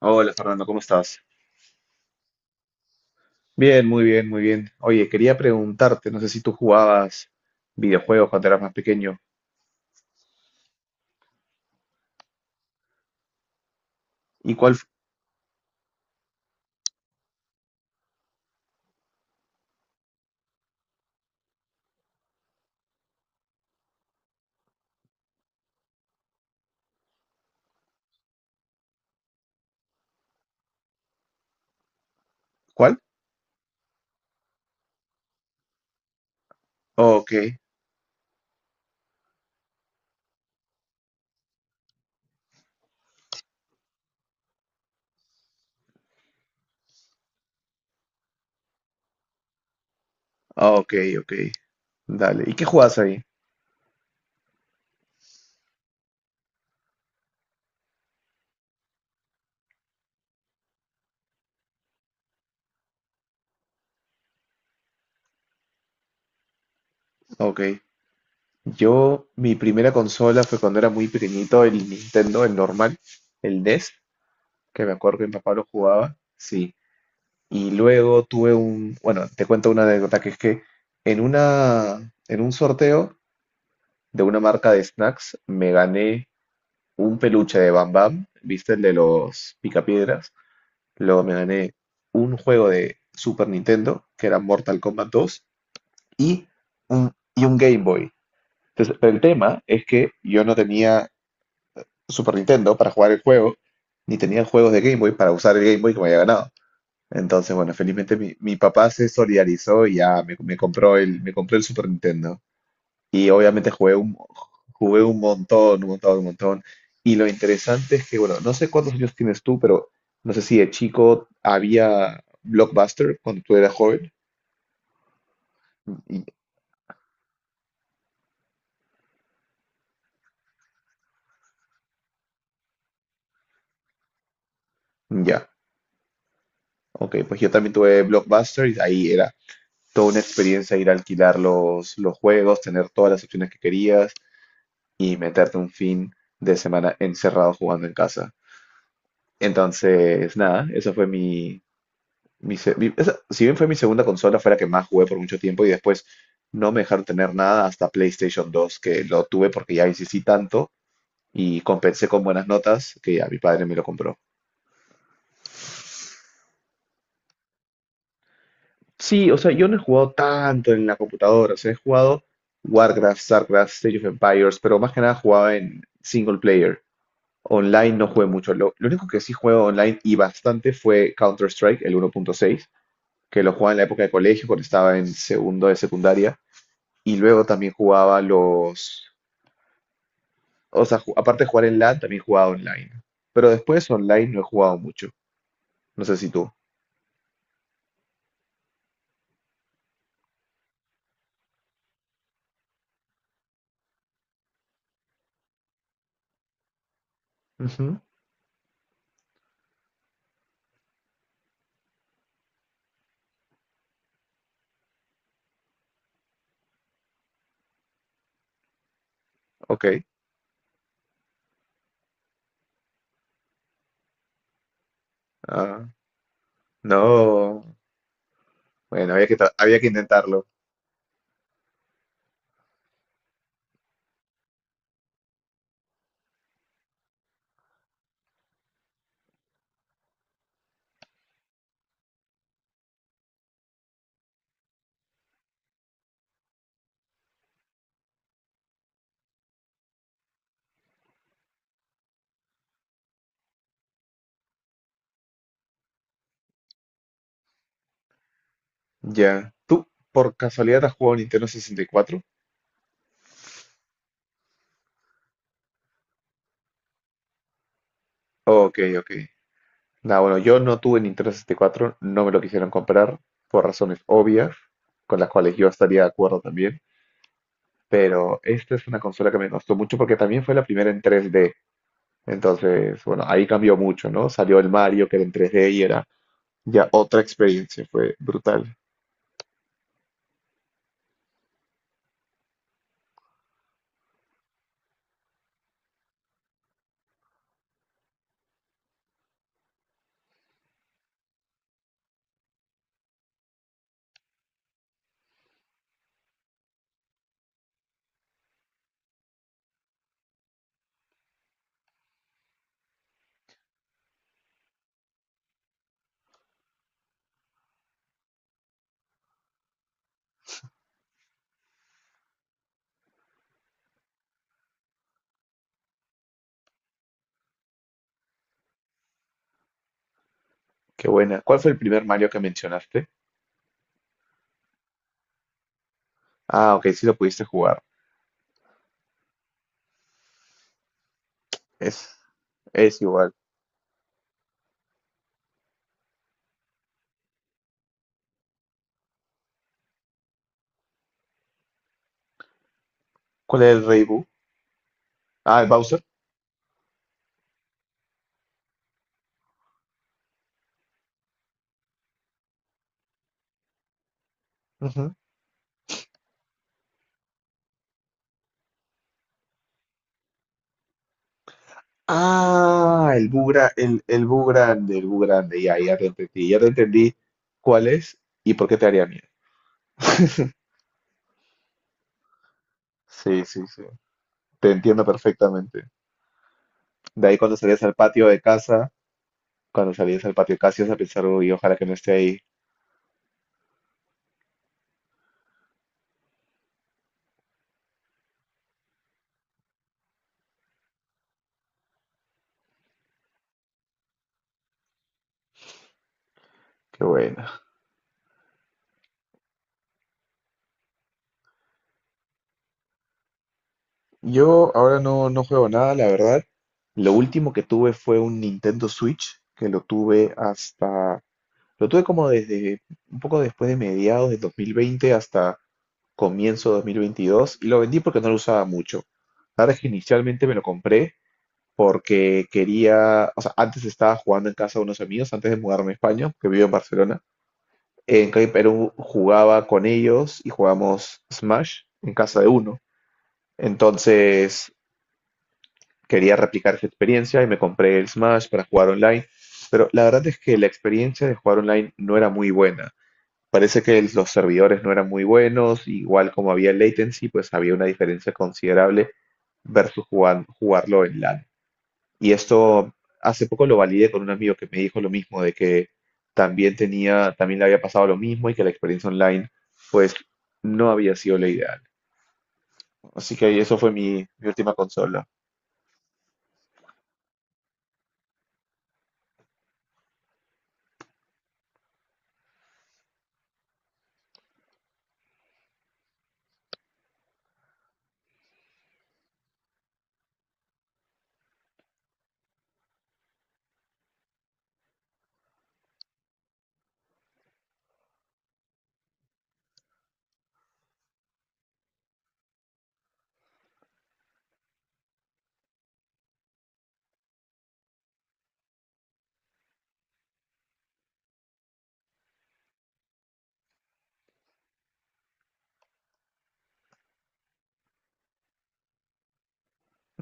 Hola Fernando, ¿cómo estás? Bien, muy bien, muy bien. Oye, quería preguntarte, no sé si tú jugabas videojuegos cuando eras más pequeño. ¿Y cuál? ¿Cuál? Ok, ok, ok. Dale. ¿Y qué jugabas ahí? Ok. Yo, mi primera consola fue cuando era muy pequeñito, el Nintendo, el normal, el NES, que me acuerdo que mi papá lo jugaba. Sí. Y luego tuve un, bueno, te cuento una anécdota que es que en un sorteo de una marca de snacks me gané un peluche de Bam Bam, ¿viste? El de los picapiedras. Luego me gané un juego de Super Nintendo, que era Mortal Kombat 2 y y un Game Boy. Entonces, pero el tema es que yo no tenía Super Nintendo para jugar el juego, ni tenía juegos de Game Boy para usar el Game Boy que me había ganado. Entonces, bueno, felizmente mi papá se solidarizó y ya me compró el Super Nintendo. Y obviamente jugué un montón, un montón, un montón. Y lo interesante es que, bueno, no sé cuántos años tienes tú, pero no sé si de chico había Blockbuster cuando tú eras joven. Y- ya, ok, pues yo también tuve Blockbuster y ahí era toda una experiencia ir a alquilar los juegos, tener todas las opciones que querías y meterte un fin de semana encerrado jugando en casa. Entonces, nada, eso fue mi, si bien fue mi segunda consola, fue la que más jugué por mucho tiempo y después no me dejaron tener nada hasta PlayStation 2, que lo tuve porque ya insistí tanto y compensé con buenas notas que ya mi padre me lo compró. Sí, o sea, yo no he jugado tanto en la computadora, o sea, he jugado Warcraft, StarCraft, State of Empires, pero más que nada jugaba en single player. Online no jugué mucho. Lo único que sí juego online y bastante fue Counter-Strike, el 1.6, que lo jugaba en la época de colegio, cuando estaba en segundo de secundaria. Y luego también jugaba los... O sea, aparte de jugar en LAN, también jugaba online. Pero después online no he jugado mucho. No sé si tú. Ujú. Ok. Ah, no. Bueno, había que intentarlo. Ya. ¿Tú por casualidad has jugado Nintendo 64? Ok, ok. Nah, bueno, yo no tuve Nintendo 64, no me lo quisieron comprar por razones obvias, con las cuales yo estaría de acuerdo también. Pero esta es una consola que me gustó mucho porque también fue la primera en 3D. Entonces, bueno, ahí cambió mucho, ¿no? Salió el Mario que era en 3D y era ya otra experiencia, fue brutal. Qué buena. ¿Cuál fue el primer Mario que mencionaste? Ah, ok, sí lo pudiste jugar. Es, es igual. ¿Cuál es el Rey Boo? Ah, el Bowser. Ujú. Ah, el Boo grande, el Bu grande, ya, ya te entendí cuál es y por qué te haría miedo. Sí, sí, sí. Te entiendo perfectamente. De ahí cuando salías al patio de casa. Cuando salías al patio Casios a pensar, uy, ojalá que no esté ahí. Qué buena. Yo ahora no juego nada, la verdad. Lo último que tuve fue un Nintendo Switch, que lo tuve hasta, lo tuve como desde un poco después de mediados de 2020 hasta comienzo de 2022 y lo vendí porque no lo usaba mucho. La verdad es que inicialmente me lo compré porque quería, o sea, antes estaba jugando en casa de unos amigos, antes de mudarme a España, que vivo en Barcelona, en Cali Perú jugaba con ellos y jugamos Smash en casa de uno. Entonces quería replicar esa experiencia y me compré el Smash para jugar online. Pero la verdad es que la experiencia de jugar online no era muy buena. Parece que los servidores no eran muy buenos, igual como había latency, pues había una diferencia considerable versus jugarlo en LAN. Y esto hace poco lo validé con un amigo que me dijo lo mismo, de que también le había pasado lo mismo y que la experiencia online, pues, no había sido la ideal. Así que eso fue mi última consola.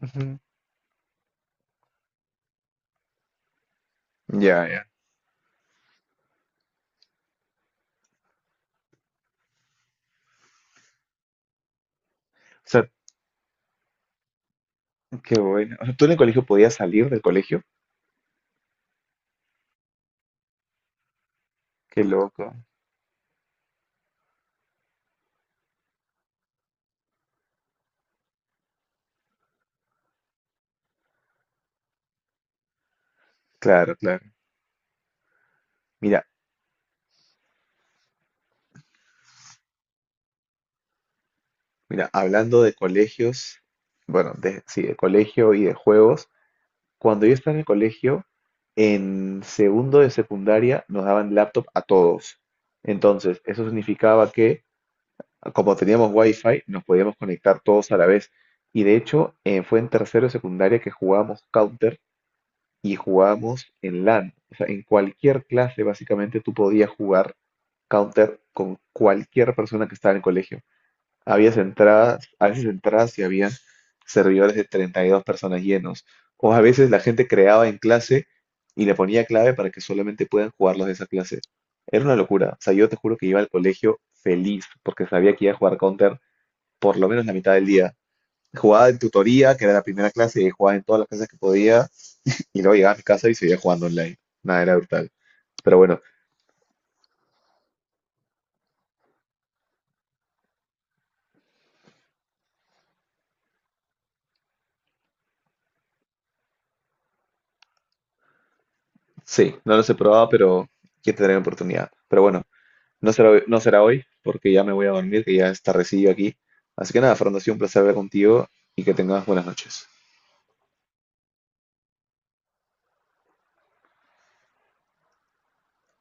Ujú. Ya, ya. O sea, qué bueno. O sea, ¿tú en el colegio podías salir del colegio? Qué loco. Claro, claro. Mira, mira, hablando de colegios, bueno, de, sí, de colegio y de juegos. Cuando yo estaba en el colegio, en segundo de secundaria nos daban laptop a todos. Entonces, eso significaba que, como teníamos wifi, nos podíamos conectar todos a la vez. Y de hecho, fue en tercero de secundaria que jugábamos Counter y jugábamos en LAN. O sea, en cualquier clase, básicamente, tú podías jugar Counter con cualquier persona que estaba en el colegio. Habías entradas, a veces entradas y había servidores de 32 personas llenos. O a veces la gente creaba en clase y le ponía clave para que solamente puedan jugar los de esa clase. Era una locura. O sea, yo te juro que iba al colegio feliz porque sabía que iba a jugar Counter por lo menos la mitad del día. Jugaba en tutoría, que era la primera clase, y jugaba en todas las clases que podía, y luego llegaba a mi casa y seguía jugando online. Nada, era brutal. Pero bueno, sí, no los he probado, pero quiero tener la oportunidad. Pero bueno. No será hoy, porque ya me voy a dormir, que ya es tardecillo aquí. Así que nada, Fernando, ha sido un placer hablar contigo y que tengas buenas noches.